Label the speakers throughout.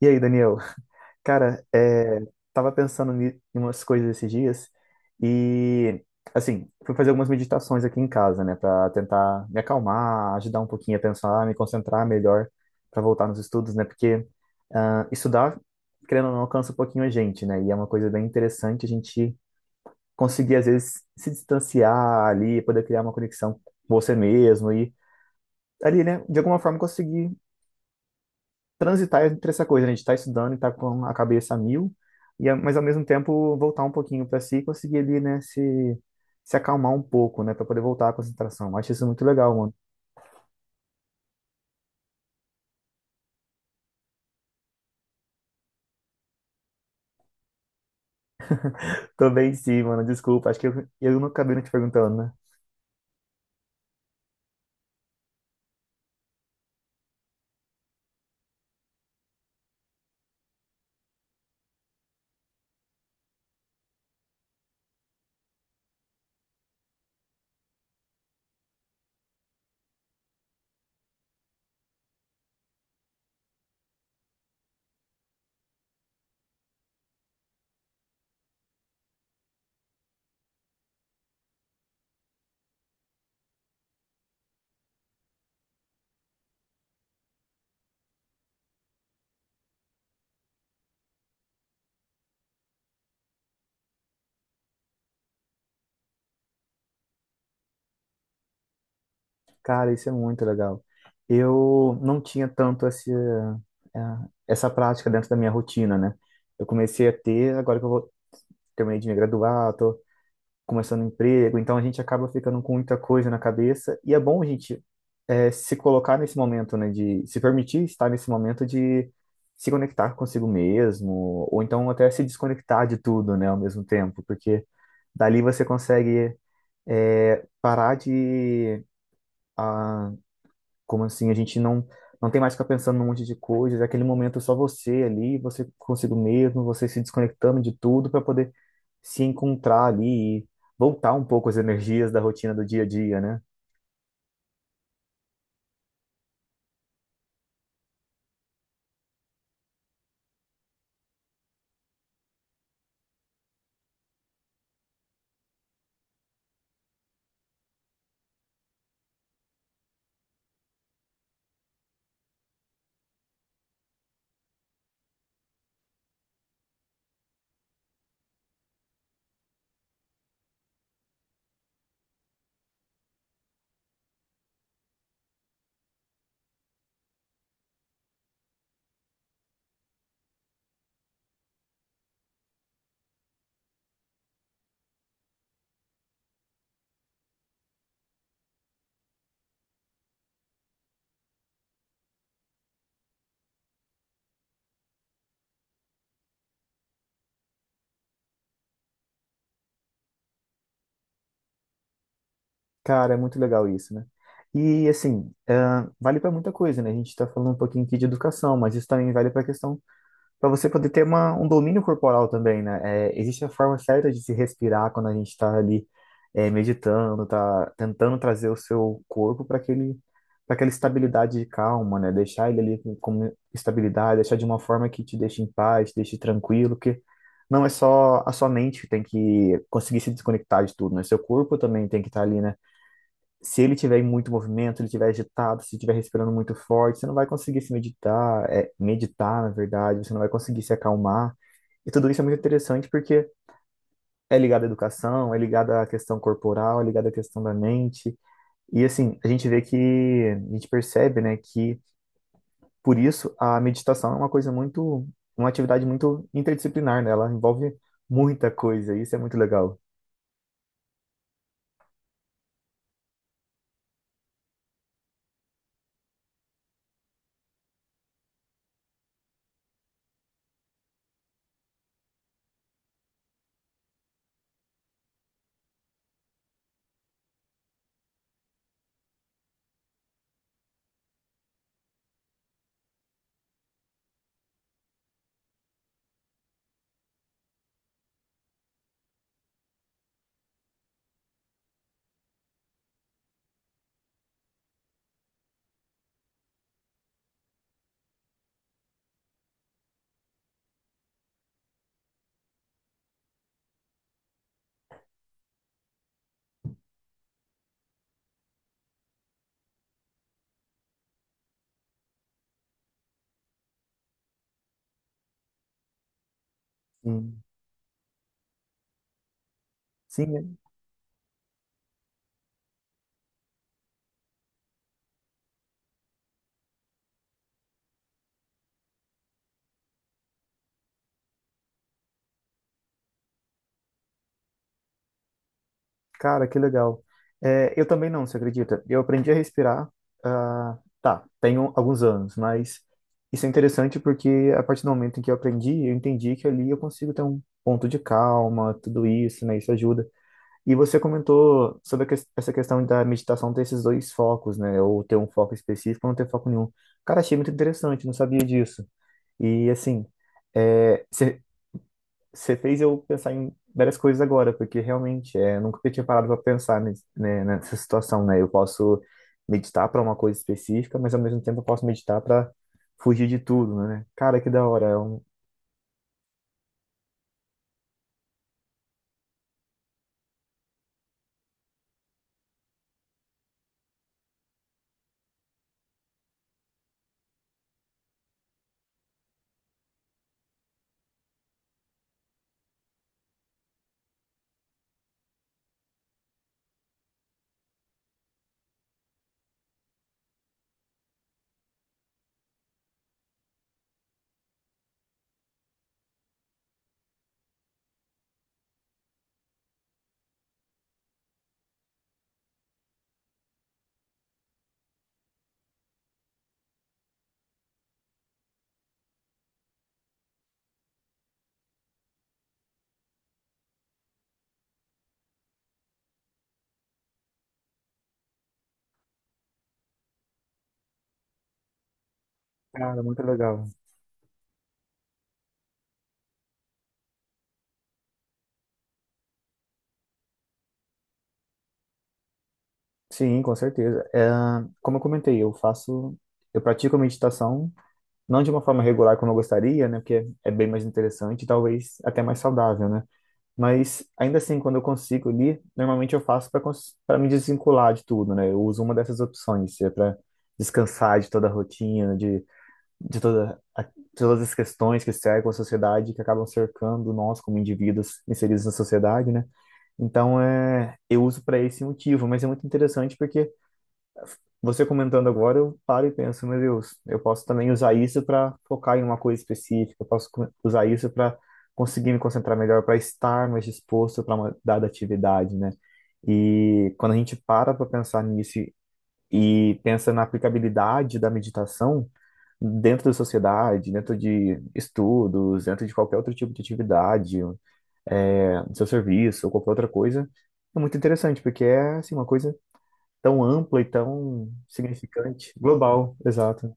Speaker 1: E aí, Daniel? Cara, é, tava pensando em umas coisas esses dias e, assim, fui fazer algumas meditações aqui em casa, né, pra tentar me acalmar, ajudar um pouquinho a pensar, me concentrar melhor pra voltar nos estudos, né, porque ah, estudar, querendo ou não, alcança um pouquinho a gente, né, e é uma coisa bem interessante a gente conseguir, às vezes, se distanciar ali, poder criar uma conexão com você mesmo e ali, né, de alguma forma conseguir transitar entre essa coisa, né? De estar estudando e estar com a cabeça a mil, e, mas ao mesmo tempo voltar um pouquinho para si e conseguir ali, né, se acalmar um pouco, né, para poder voltar à concentração. Eu acho isso muito legal, mano. Tô bem sim, mano, desculpa. Acho que eu não acabei não te perguntando, né? Cara, isso é muito legal. Eu não tinha tanto essa prática dentro da minha rotina, né? Eu comecei a ter, agora que eu vou, terminei de me graduar, começando um emprego, então a gente acaba ficando com muita coisa na cabeça, e é bom a gente é, se colocar nesse momento, né, de se permitir estar nesse momento de se conectar consigo mesmo, ou então até se desconectar de tudo, né, ao mesmo tempo, porque dali você consegue é, parar de como assim? A gente não tem mais que ficar pensando num monte de coisas. É aquele momento só você ali, você consigo mesmo, você se desconectando de tudo para poder se encontrar ali e voltar um pouco as energias da rotina do dia a dia, né? Cara, é muito legal isso, né? E assim, ah, vale para muita coisa, né? A gente está falando um pouquinho aqui de educação, mas isso também vale para a questão para você poder ter uma, um domínio corporal também, né? É, existe a forma certa de se respirar quando a gente está ali é, meditando, tá tentando trazer o seu corpo para aquele, para aquela estabilidade de calma, né? Deixar ele ali com estabilidade, deixar de uma forma que te deixe em paz, te deixe tranquilo, porque não é só a sua mente que tem que conseguir se desconectar de tudo, né? Seu corpo também tem que estar ali, né? Se ele tiver em muito movimento, ele tiver agitado, se estiver respirando muito forte, você não vai conseguir se meditar, é, meditar, na verdade, você não vai conseguir se acalmar. E tudo isso é muito interessante porque é ligado à educação, é ligado à questão corporal, é ligado à questão da mente. E assim, a gente vê que, a gente percebe, né, que por isso a meditação é uma coisa muito, uma atividade muito interdisciplinar, né? Ela envolve muita coisa, e isso é muito legal. Sim, sim, né? Cara, que legal. É, eu também não, você acredita? Eu aprendi a respirar, ah, tá, tenho alguns anos, mas isso é interessante porque a partir do momento em que eu aprendi, eu entendi que ali eu consigo ter um ponto de calma, tudo isso, né? Isso ajuda. E você comentou sobre essa questão da meditação ter esses dois focos, né? Ou ter um foco específico ou não ter foco nenhum. Cara, achei muito interessante, não sabia disso. E assim, é, você fez eu pensar em várias coisas agora, porque realmente é, eu nunca tinha parado para pensar né, nessa situação, né? Eu posso meditar para uma coisa específica, mas ao mesmo tempo eu posso meditar para fugir de tudo, né? Cara, que da hora, cara muito legal. Sim, com certeza. É, como eu comentei, eu faço, eu pratico a meditação não de uma forma regular como eu gostaria, né? Porque é bem mais interessante e talvez até mais saudável, né? Mas ainda assim, quando eu consigo ali, normalmente eu faço para me desvincular de tudo, né? Eu uso uma dessas opções, se é para descansar de toda a rotina, de todas as questões que cercam a sociedade, que acabam cercando nós como indivíduos inseridos na sociedade, né? Então, é, eu uso para esse motivo, mas é muito interessante porque você comentando agora, eu paro e penso, meu Deus, eu posso também usar isso para focar em uma coisa específica, eu posso usar isso para conseguir me concentrar melhor, para estar mais disposto para uma dada atividade, né? E quando a gente para pensar nisso e pensa na aplicabilidade da meditação dentro da sociedade, dentro de estudos, dentro de qualquer outro tipo de atividade, é, do seu serviço ou qualquer outra coisa, é muito interessante, porque é assim, uma coisa tão ampla e tão significante. Global, exato,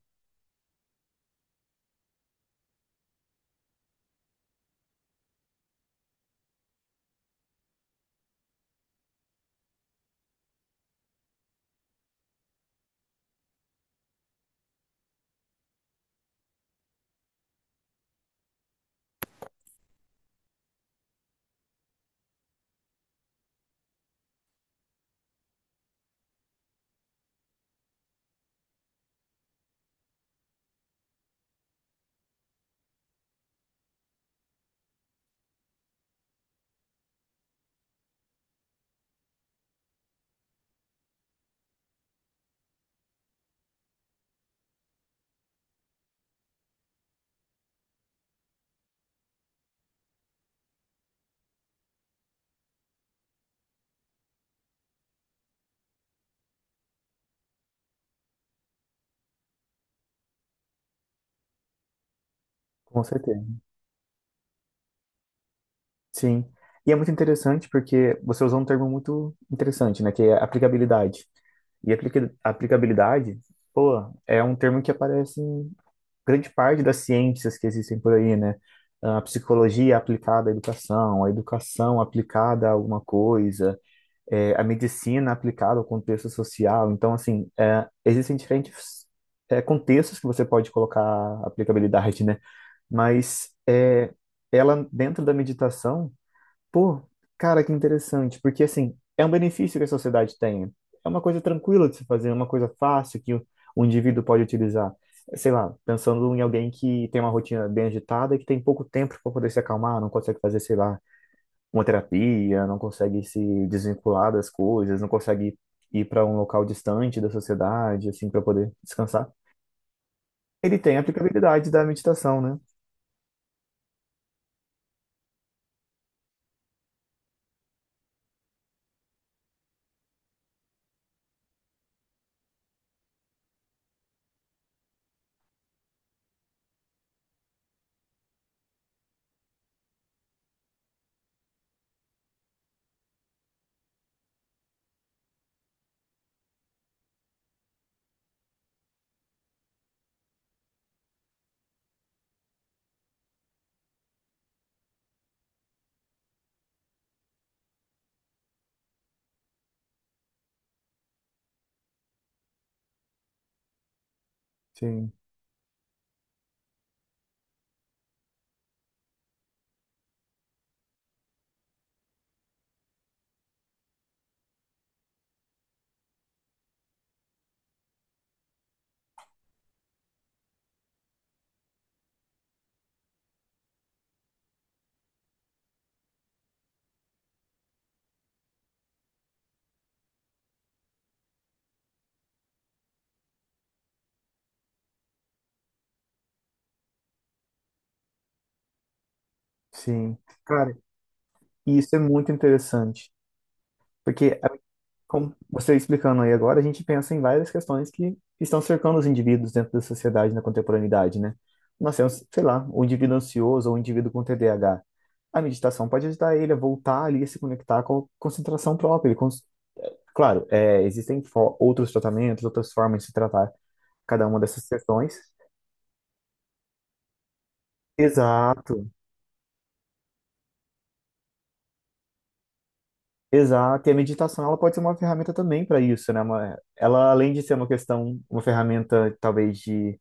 Speaker 1: com certeza. Sim. E é muito interessante porque você usou um termo muito interessante, né? Que é aplicabilidade. E aplicabilidade, pô, é um termo que aparece em grande parte das ciências que existem por aí, né? A psicologia aplicada à educação, a educação aplicada a alguma coisa, é, a medicina aplicada ao contexto social. Então, assim, é, existem diferentes, é, contextos que você pode colocar aplicabilidade, né? Mas é, ela, dentro da meditação, pô, cara, que interessante, porque assim, é um benefício que a sociedade tem. É uma coisa tranquila de se fazer, é uma coisa fácil que o indivíduo pode utilizar. Sei lá, pensando em alguém que tem uma rotina bem agitada e que tem pouco tempo para poder se acalmar, não consegue fazer, sei lá, uma terapia, não consegue se desvincular das coisas, não consegue ir para um local distante da sociedade, assim, para poder descansar. Ele tem a aplicabilidade da meditação, né? Sim, sim. Cara, e isso é muito interessante, porque como você explicando aí agora, a gente pensa em várias questões que estão cercando os indivíduos dentro da sociedade na contemporaneidade, né? Nós temos, sei lá, o indivíduo ansioso ou o indivíduo com TDAH. A H. A meditação pode ajudar ele a voltar ali a se conectar com a concentração própria. Claro, é, existem outros tratamentos, outras formas de se tratar cada uma dessas questões. Exato. Exato, e a meditação ela pode ser uma ferramenta também para isso, né? Ela, além de ser uma questão, uma ferramenta talvez de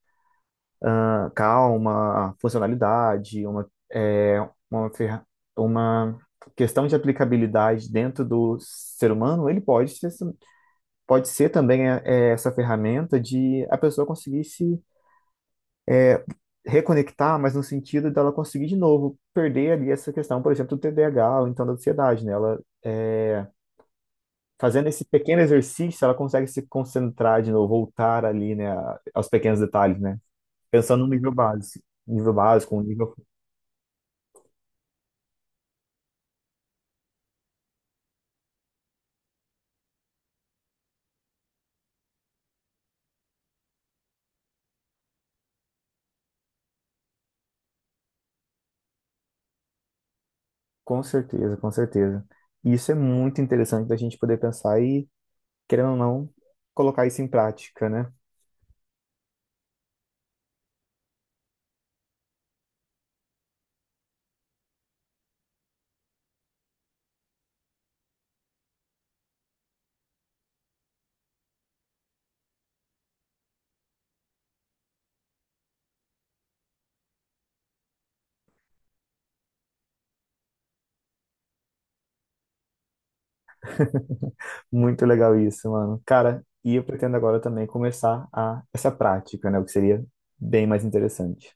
Speaker 1: ah, calma, funcionalidade, uma, é, uma, ferra- uma questão de aplicabilidade dentro do ser humano, ele pode ser também é, essa ferramenta de a pessoa conseguir se reconectar, mas no sentido dela conseguir de novo perder ali essa questão, por exemplo, do TDAH ou então da ansiedade, né? Ela, é, fazendo esse pequeno exercício, ela consegue se concentrar de novo, voltar ali, né, aos pequenos detalhes, né? Pensando no nível básico, um nível... Com certeza, com certeza. E isso é muito interessante da gente poder pensar e, querendo ou não, colocar isso em prática, né? Muito legal isso, mano. Cara, e eu pretendo agora também começar a essa prática, né? O que seria bem mais interessante.